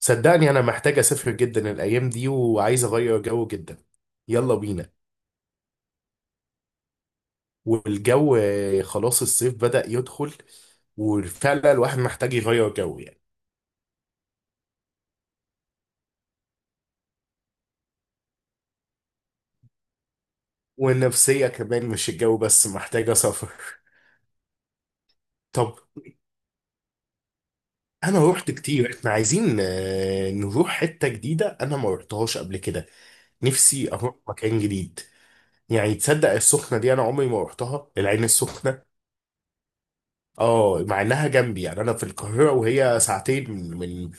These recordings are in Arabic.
صدقني انا محتاج اسافر جدا الايام دي وعايز اغير جو جدا. يلا بينا. والجو خلاص الصيف بدأ يدخل، وفعلا الواحد محتاج يغير جو يعني. والنفسية كمان مش الجو بس محتاجة سفر طب انا رحت كتير، احنا عايزين نروح حتة جديدة، انا ما رحتهاش قبل كده. نفسي اروح مكان جديد. يعني تصدق السخنة دي، انا عمري ما رحتها العين السخنة. اه، مع انها جنبي يعني، انا في القاهره وهي ساعتين من من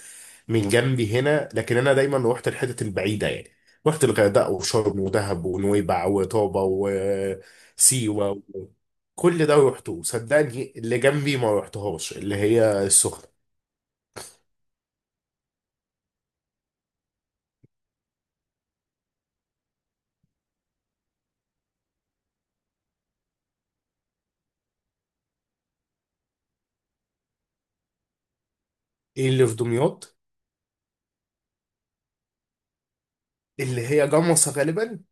من جنبي هنا، لكن انا دايما روحت الحتت البعيده يعني. رحت الغردقه وشرم ودهب ونويبع وطابه وسيوه كل ده روحته. صدقني اللي جنبي ما روحتهاش اللي هي السخنه. إيه اللي في دمياط؟ اللي هي جمصه غالبا.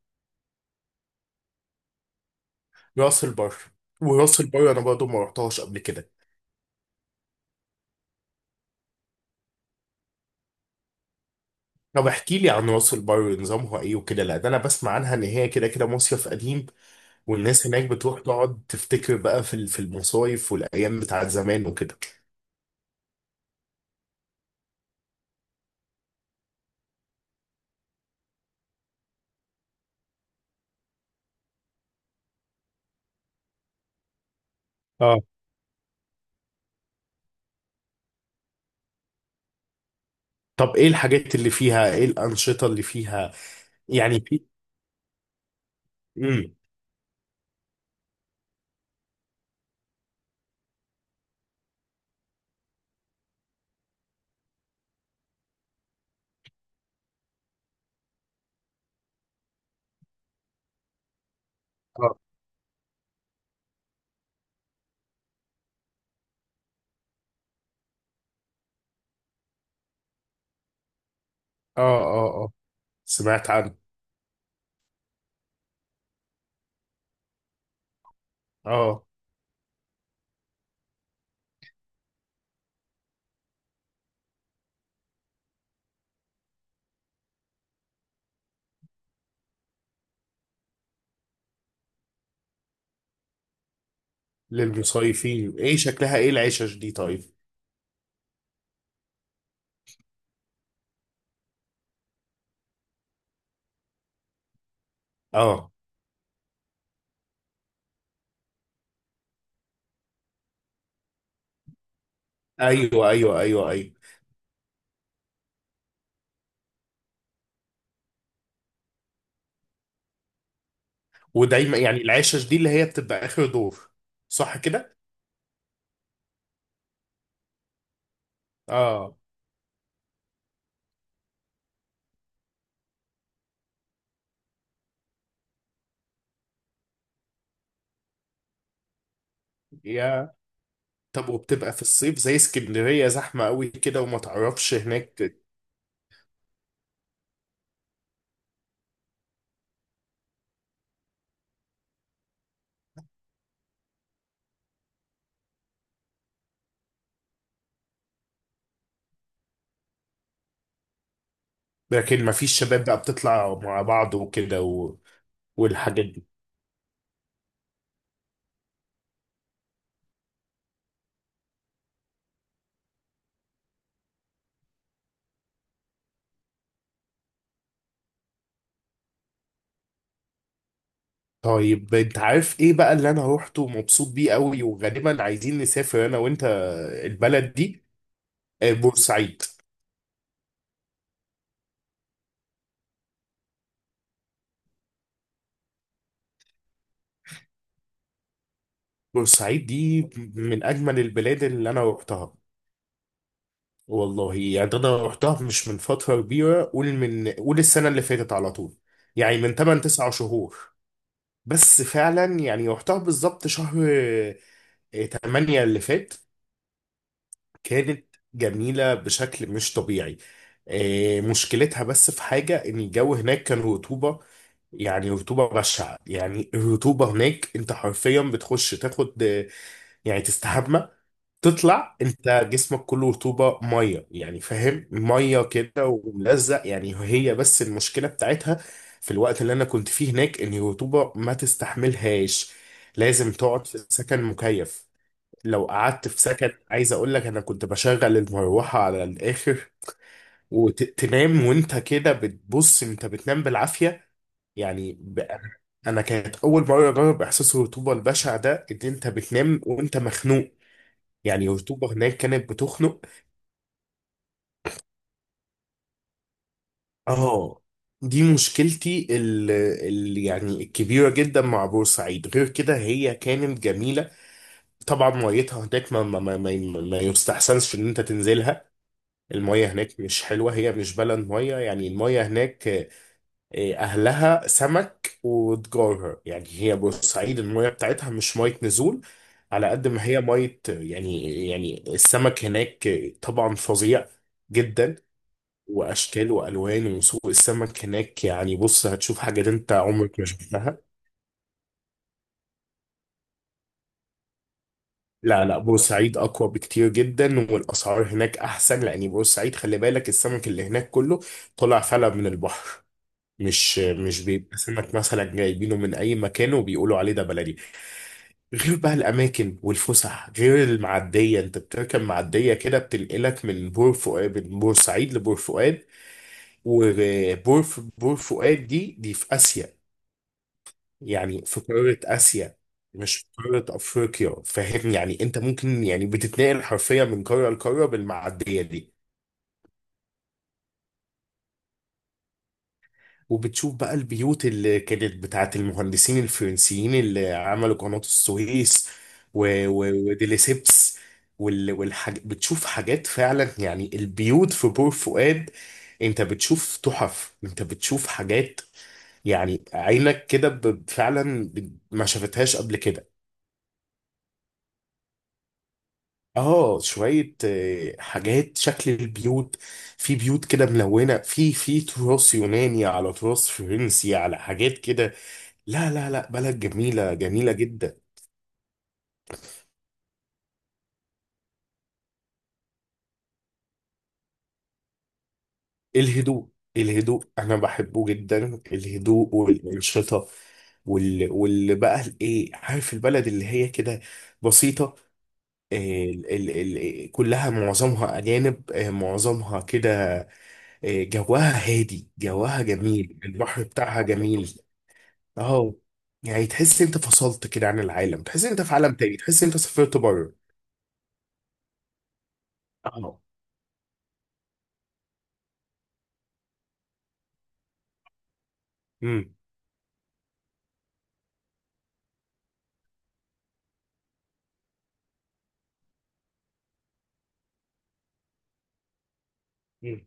راس البر. وراس البر انا برضه ما روحتهاش قبل كده. طب احكي لي عن راس البر، نظامها ايه وكده؟ لا، ده انا بسمع عنها ان هي كده كده مصيف قديم، والناس هناك بتروح تقعد تفتكر بقى في المصايف والايام بتاعت زمان وكده. اه. طب ايه الحاجات اللي فيها، ايه الانشطه اللي فيها؟ يعني في. امم. اه اه اه اه. سمعت عنه. اه. للمصيفين ايه شكلها، ايه العشش دي طيب؟ اه، ايوه ايوه ايوه ايوه. ودايما يعني العشش دي اللي هي بتبقى اخر دور، صح كده؟ اه. يا. طب وبتبقى في الصيف زي اسكندريه زحمه قوي كده وما تعرفش هناك؟ لكن ما فيش شباب بقى بتطلع مع بعض وكده والحاجات دي؟ طيب انت عارف ايه بقى اللي انا روحته ومبسوط بيه قوي وغالبا عايزين نسافر انا وانت؟ البلد دي بورسعيد. بورسعيد دي من اجمل البلاد اللي انا روحتها. والله يعني انا روحتها مش من فترة كبيرة، قول السنة اللي فاتت، على طول يعني، من 8 9 شهور. بس فعلا يعني روحتها بالظبط شهر 8 اللي فات. كانت جميلة بشكل مش طبيعي. مشكلتها بس في حاجة، إن الجو هناك كان رطوبة. يعني رطوبة بشعة. يعني الرطوبة هناك أنت حرفيا بتخش تاخد، يعني تستحمى، تطلع أنت جسمك كله رطوبة مية، يعني فاهم، مية كده وملزق. يعني هي بس المشكلة بتاعتها في الوقت اللي أنا كنت فيه هناك، إن الرطوبة ما تستحملهاش. لازم تقعد في سكن مكيف. لو قعدت في سكن، عايز اقول لك انا كنت بشغل المروحه على الاخر، وتنام وانت كده بتبص، انت بتنام بالعافيه يعني انا كانت اول مره اجرب احساس الرطوبه البشع ده، ان انت بتنام وانت مخنوق. يعني الرطوبه هناك كانت بتخنق. اه. دي مشكلتي يعني الكبيره جدا مع بورسعيد. غير كده هي كانت جميله. طبعا ميتها هناك ما يستحسنش ان انت تنزلها. المية هناك مش حلوة، هي بالنسبة لها المية، يعني المية هناك أهلها سمك وتجارها. يعني هي بورسعيد المية بتاعتها مش مية نزول على قد ما هي مية. يعني السمك هناك طبعا فظيع جدا. وأشكال وألوان، وسوق السمك هناك يعني بص هتشوف حاجة أنت عمرك ما شفتها. لا لا، بورسعيد أقوى بكتير جدا، والأسعار هناك أحسن، لأن بورسعيد خلي بالك السمك اللي هناك كله طلع فلا من البحر. مش بيبقى سمك مثلا جايبينه من اي مكان وبيقولوا عليه ده بلدي. غير بقى الاماكن والفسح، غير المعديه. انت بتركب معديه كده بتنقلك من بور فؤاد، من بورسعيد لبور فؤاد. بور فؤاد دي في اسيا، يعني في قاره اسيا، مش في قاره افريقيا. فاهم؟ يعني انت ممكن يعني بتتنقل حرفيا من قاره لقاره بالمعديه دي. وبتشوف بقى البيوت اللي كانت بتاعت المهندسين الفرنسيين اللي عملوا قناة السويس وديليسيبس بتشوف حاجات فعلا. يعني البيوت في بور فؤاد، انت بتشوف تحف، انت بتشوف حاجات. يعني عينك كده فعلا ما شافتهاش قبل كده. اه، شوية حاجات، شكل البيوت. في بيوت كده ملونة، في تراث يوناني على تراث فرنسي على حاجات كده. لا لا لا، بلد جميلة جميلة جدا. الهدوء. الهدوء أنا بحبه جدا، الهدوء والأنشطة، واللي بقى الإيه، عارف البلد اللي هي كده بسيطة. ال... ال... كلها معظمها أجانب، معظمها كده. جواها هادي، جواها جميل، البحر بتاعها جميل. أهو. يعني تحس أنت فصلت كده عن العالم، تحس أنت في عالم تاني، تحس أنت سافرت بره. أهو.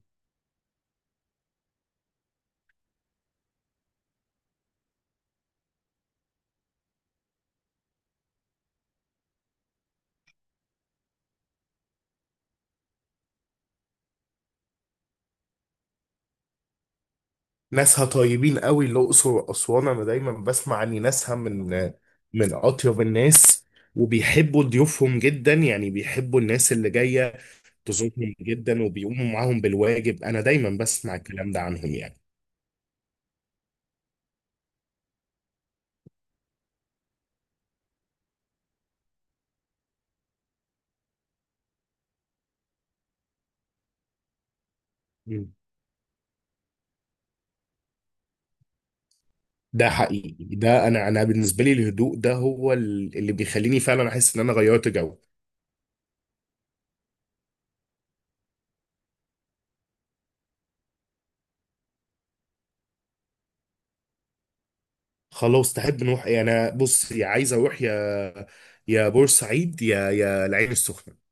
ناسها طيبين قوي، الأقصر وأسوان أنا دايما بسمع عن ناسها من أطيب الناس، وبيحبوا ضيوفهم جدا، يعني بيحبوا الناس اللي جاية تزورهم جدا، وبيقوموا معاهم بالواجب. أنا دايما بسمع الكلام ده عنهم يعني. مم. ده حقيقي، ده أنا بالنسبة لي الهدوء ده هو اللي بيخليني فعلا أحس إن أنا غيرت جو. خلاص، تحب نروح إيه؟ أنا بص، يا عايز أروح يا يا بورسعيد يا العين السخنة.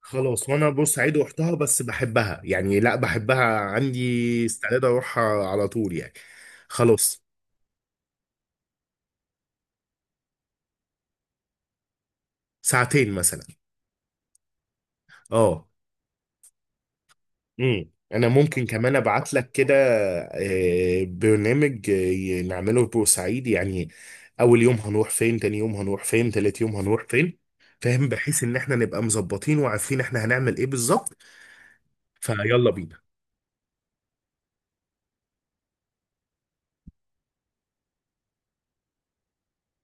خلاص، وانا بورسعيد رحتها بس بحبها، يعني لا بحبها، عندي استعداد اروحها على طول يعني. خلاص. ساعتين مثلا. اه. انا ممكن كمان ابعت لك كده برنامج نعمله في بورسعيد يعني، اول يوم هنروح فين، تاني يوم هنروح فين، تالت يوم هنروح فين، فاهم، بحيث ان احنا نبقى مظبطين وعارفين احنا هنعمل ايه بالظبط. فيلا بينا.